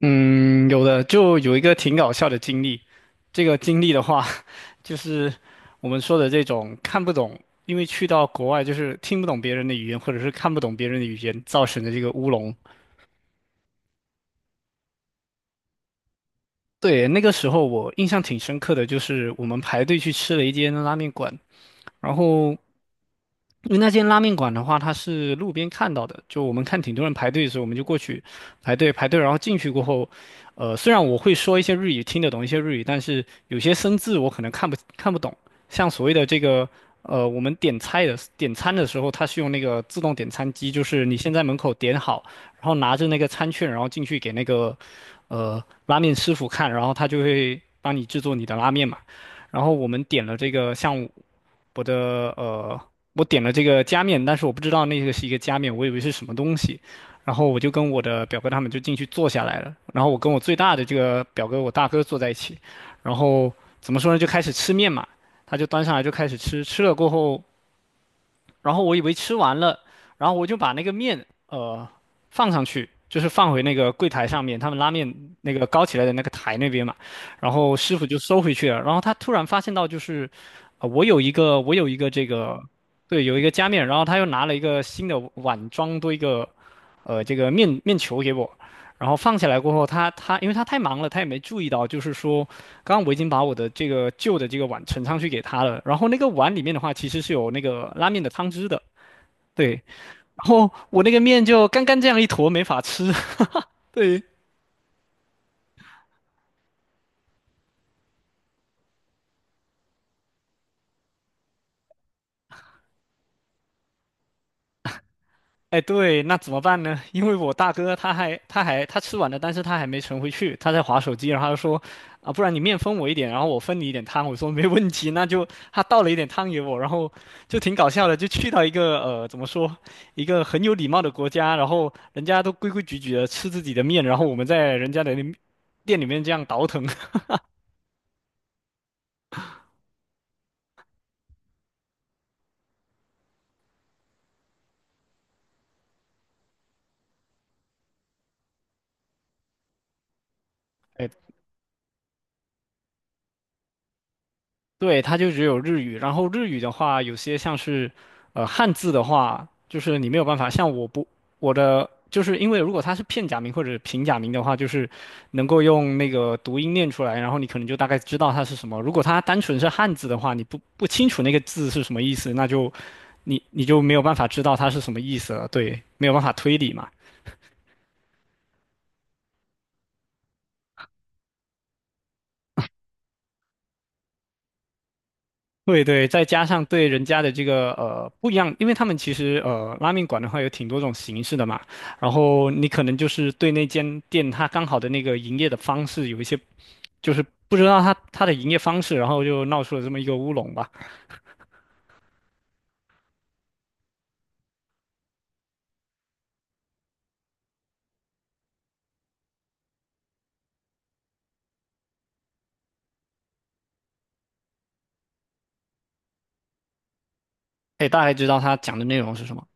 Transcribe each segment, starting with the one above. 嗯，有的，就有一个挺搞笑的经历。这个经历的话，就是我们说的这种看不懂，因为去到国外就是听不懂别人的语言，或者是看不懂别人的语言造成的这个乌龙。对，那个时候我印象挺深刻的，就是我们排队去吃了一间拉面馆，然后因为那间拉面馆的话，它是路边看到的，就我们看挺多人排队的时候，我们就过去排队，然后进去过后，虽然我会说一些日语，听得懂一些日语，但是有些生字我可能看不懂。像所谓的这个，我们点餐的时候，它是用那个自动点餐机，就是你先在门口点好，然后拿着那个餐券，然后进去给那个拉面师傅看，然后他就会帮你制作你的拉面嘛。然后我们点了这个像我的呃，我点了这个加面，但是我不知道那个是一个加面，我以为是什么东西。然后我就跟我的表哥他们就进去坐下来了。然后我跟我最大的这个表哥，我大哥坐在一起。然后怎么说呢，就开始吃面嘛。他就端上来就开始吃，吃了过后，然后我以为吃完了，然后我就把那个面放上去，就是放回那个柜台上面，他们拉面那个高起来的那个台那边嘛。然后师傅就收回去了，然后他突然发现到就是，我有一个这个，对，有一个加面，然后他又拿了一个新的碗装多一个，这个面球给我，然后放下来过后，他因为他太忙了，他也没注意到，就是说。刚刚我已经把我的这个旧的这个碗盛上去给他了，然后那个碗里面的话其实是有那个拉面的汤汁的，对，然后我那个面就干干这样一坨没法吃，对，哎，对，那怎么办呢？因为我大哥他还他吃完了，但是他还没盛回去，他在划手机，然后他说，啊，不然你面分我一点，然后我分你一点汤。我说没问题，那就他倒了一点汤给我，然后就挺搞笑的，就去到一个怎么说，一个很有礼貌的国家，然后人家都规规矩矩的吃自己的面，然后我们在人家的那店里面这样倒腾。对，它就只有日语。然后日语的话，有些像是，汉字的话，就是你没有办法。像我不，我的就是因为如果它是片假名或者平假名的话，就是能够用那个读音念出来，然后你可能就大概知道它是什么。如果它单纯是汉字的话，你不清楚那个字是什么意思，那就你就没有办法知道它是什么意思了。对，没有办法推理嘛。对对，再加上对人家的这个不一样，因为他们其实拉面馆的话有挺多种形式的嘛，然后你可能就是对那间店它刚好的那个营业的方式有一些就是不知道它的营业方式，然后就闹出了这么一个乌龙吧。可以大概知道他讲的内容是什么。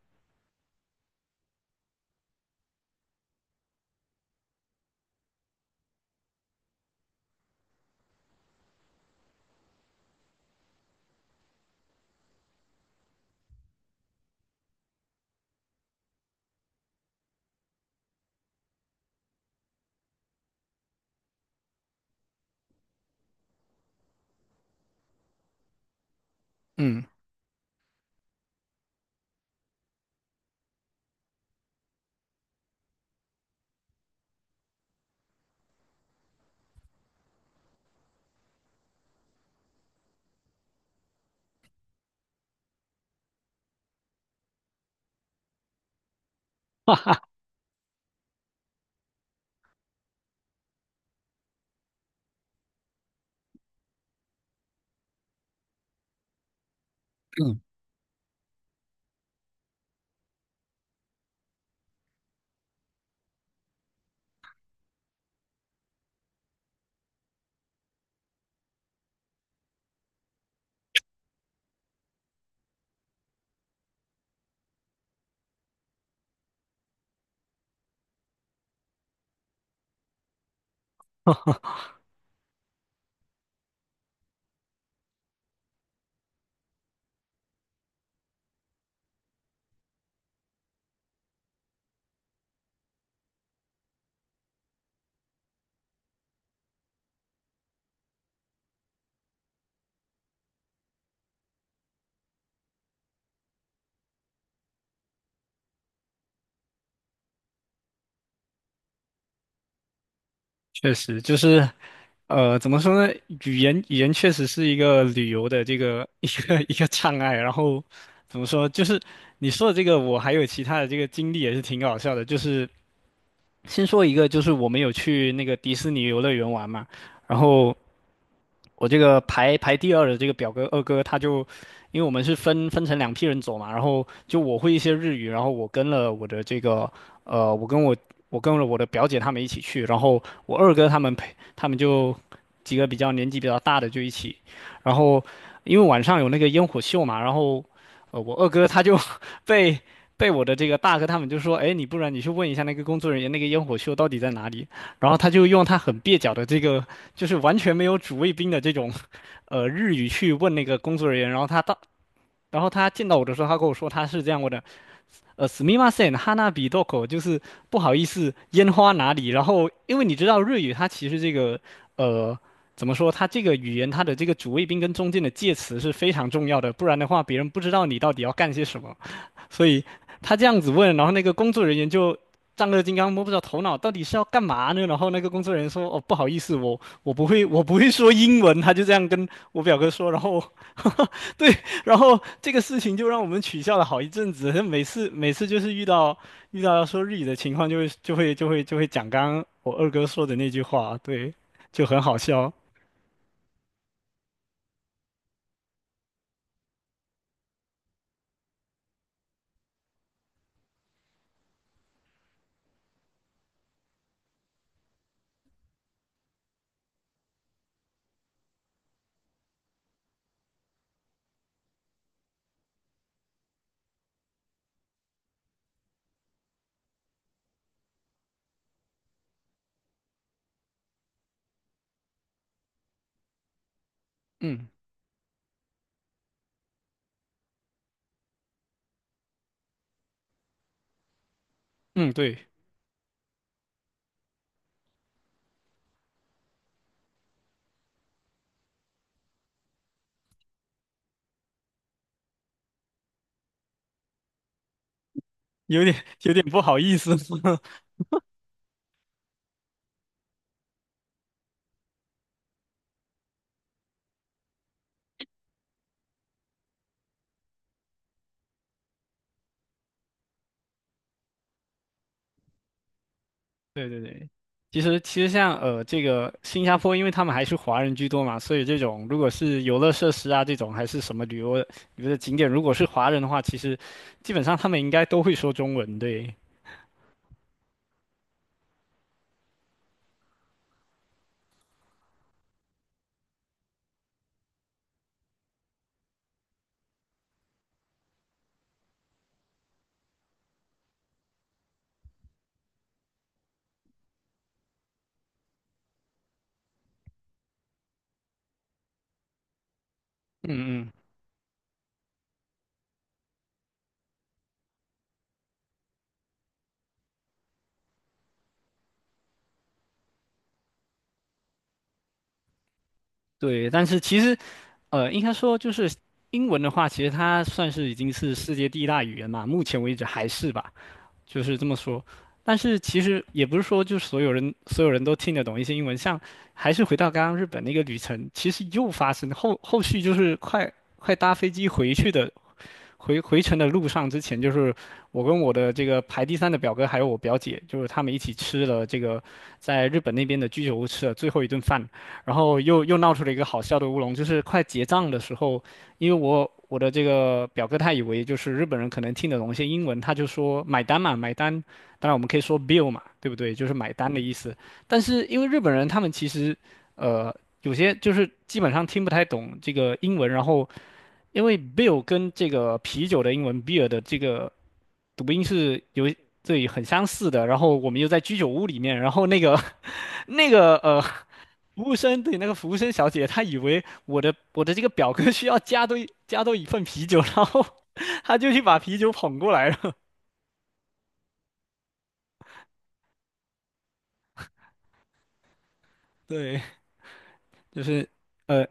嗯，嗯，确实就是怎么说呢，语言确实是一个旅游的这个 一个障碍，然后怎么说就是。你说的这个，我还有其他的这个经历也是挺搞笑的，就是先说一个，就是我们有去那个迪士尼游乐园玩嘛，然后我这个排第二的这个表哥二哥，他就因为我们是分成两批人走嘛，然后就我会一些日语，然后我跟了我的这个呃，我跟我我跟了我的表姐他们一起去，然后我二哥他们陪他们就几个比较年纪比较大的就一起，然后因为晚上有那个烟火秀嘛，然后我二哥他就 被。被我的这个大哥他们就说："哎，你不然你去问一下那个工作人员，那个烟火秀到底在哪里？"然后他就用他很蹩脚的这个就是完全没有主谓宾的这种日语去问那个工作人员，然后他到，然后他见到我的时候，他跟我说他是这样问的，すみません、花火どこ？就是不好意思，烟花哪里？然后因为你知道日语，它其实这个呃怎么说，它这个语言它的这个主谓宾跟中间的介词是非常重要的，不然的话别人不知道你到底要干些什么。所以他这样子问，然后那个工作人员就丈二金刚摸不着头脑，到底是要干嘛呢？然后那个工作人员说："哦，不好意思，我不会，我不会说英文。"他就这样跟我表哥说，然后 对，然后这个事情就让我们取笑了好一阵子。每次就是遇到要说日语的情况就，会就会就会就会讲刚刚我二哥说的那句话，对，就很好笑。嗯嗯，对，有点有点不好意思。对对对，其实像这个新加坡，因为他们还是华人居多嘛，所以这种如果是游乐设施啊这种还是什么旅游的景点，如果是华人的话，其实基本上他们应该都会说中文，对，嗯嗯，对。但是其实应该说就是英文的话，其实它算是已经是世界第一大语言嘛，目前为止还是吧。就是这么说。但是其实也不是说就所有人都听得懂一些英文，像还是回到刚刚日本那个旅程，其实又发生后续就是快搭飞机回去的回程的路上之前，就是我跟我的这个排第三的表哥还有我表姐，就是他们一起吃了这个在日本那边的居酒屋吃了最后一顿饭，然后又闹出了一个好笑的乌龙，就是快结账的时候，因为我的这个表哥他以为就是日本人可能听得懂一些英文，他就说买单嘛，买单。当然我们可以说 bill 嘛，对不对？就是买单的意思。但是因为日本人他们其实，呃，有些就是基本上听不太懂这个英文，然后因为 beer 跟这个啤酒的英文 beer 的这个读音是有对很相似的，然后我们又在居酒屋里面，然后那个 那个服务生对那个服务生小姐，她以为我的这个表哥需要加多一份啤酒，然后 她就去把啤酒捧过来了。对，就是呃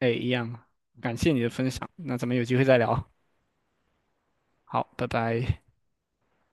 哎一样，感谢你的分享，那咱们有机会再聊，好，拜拜。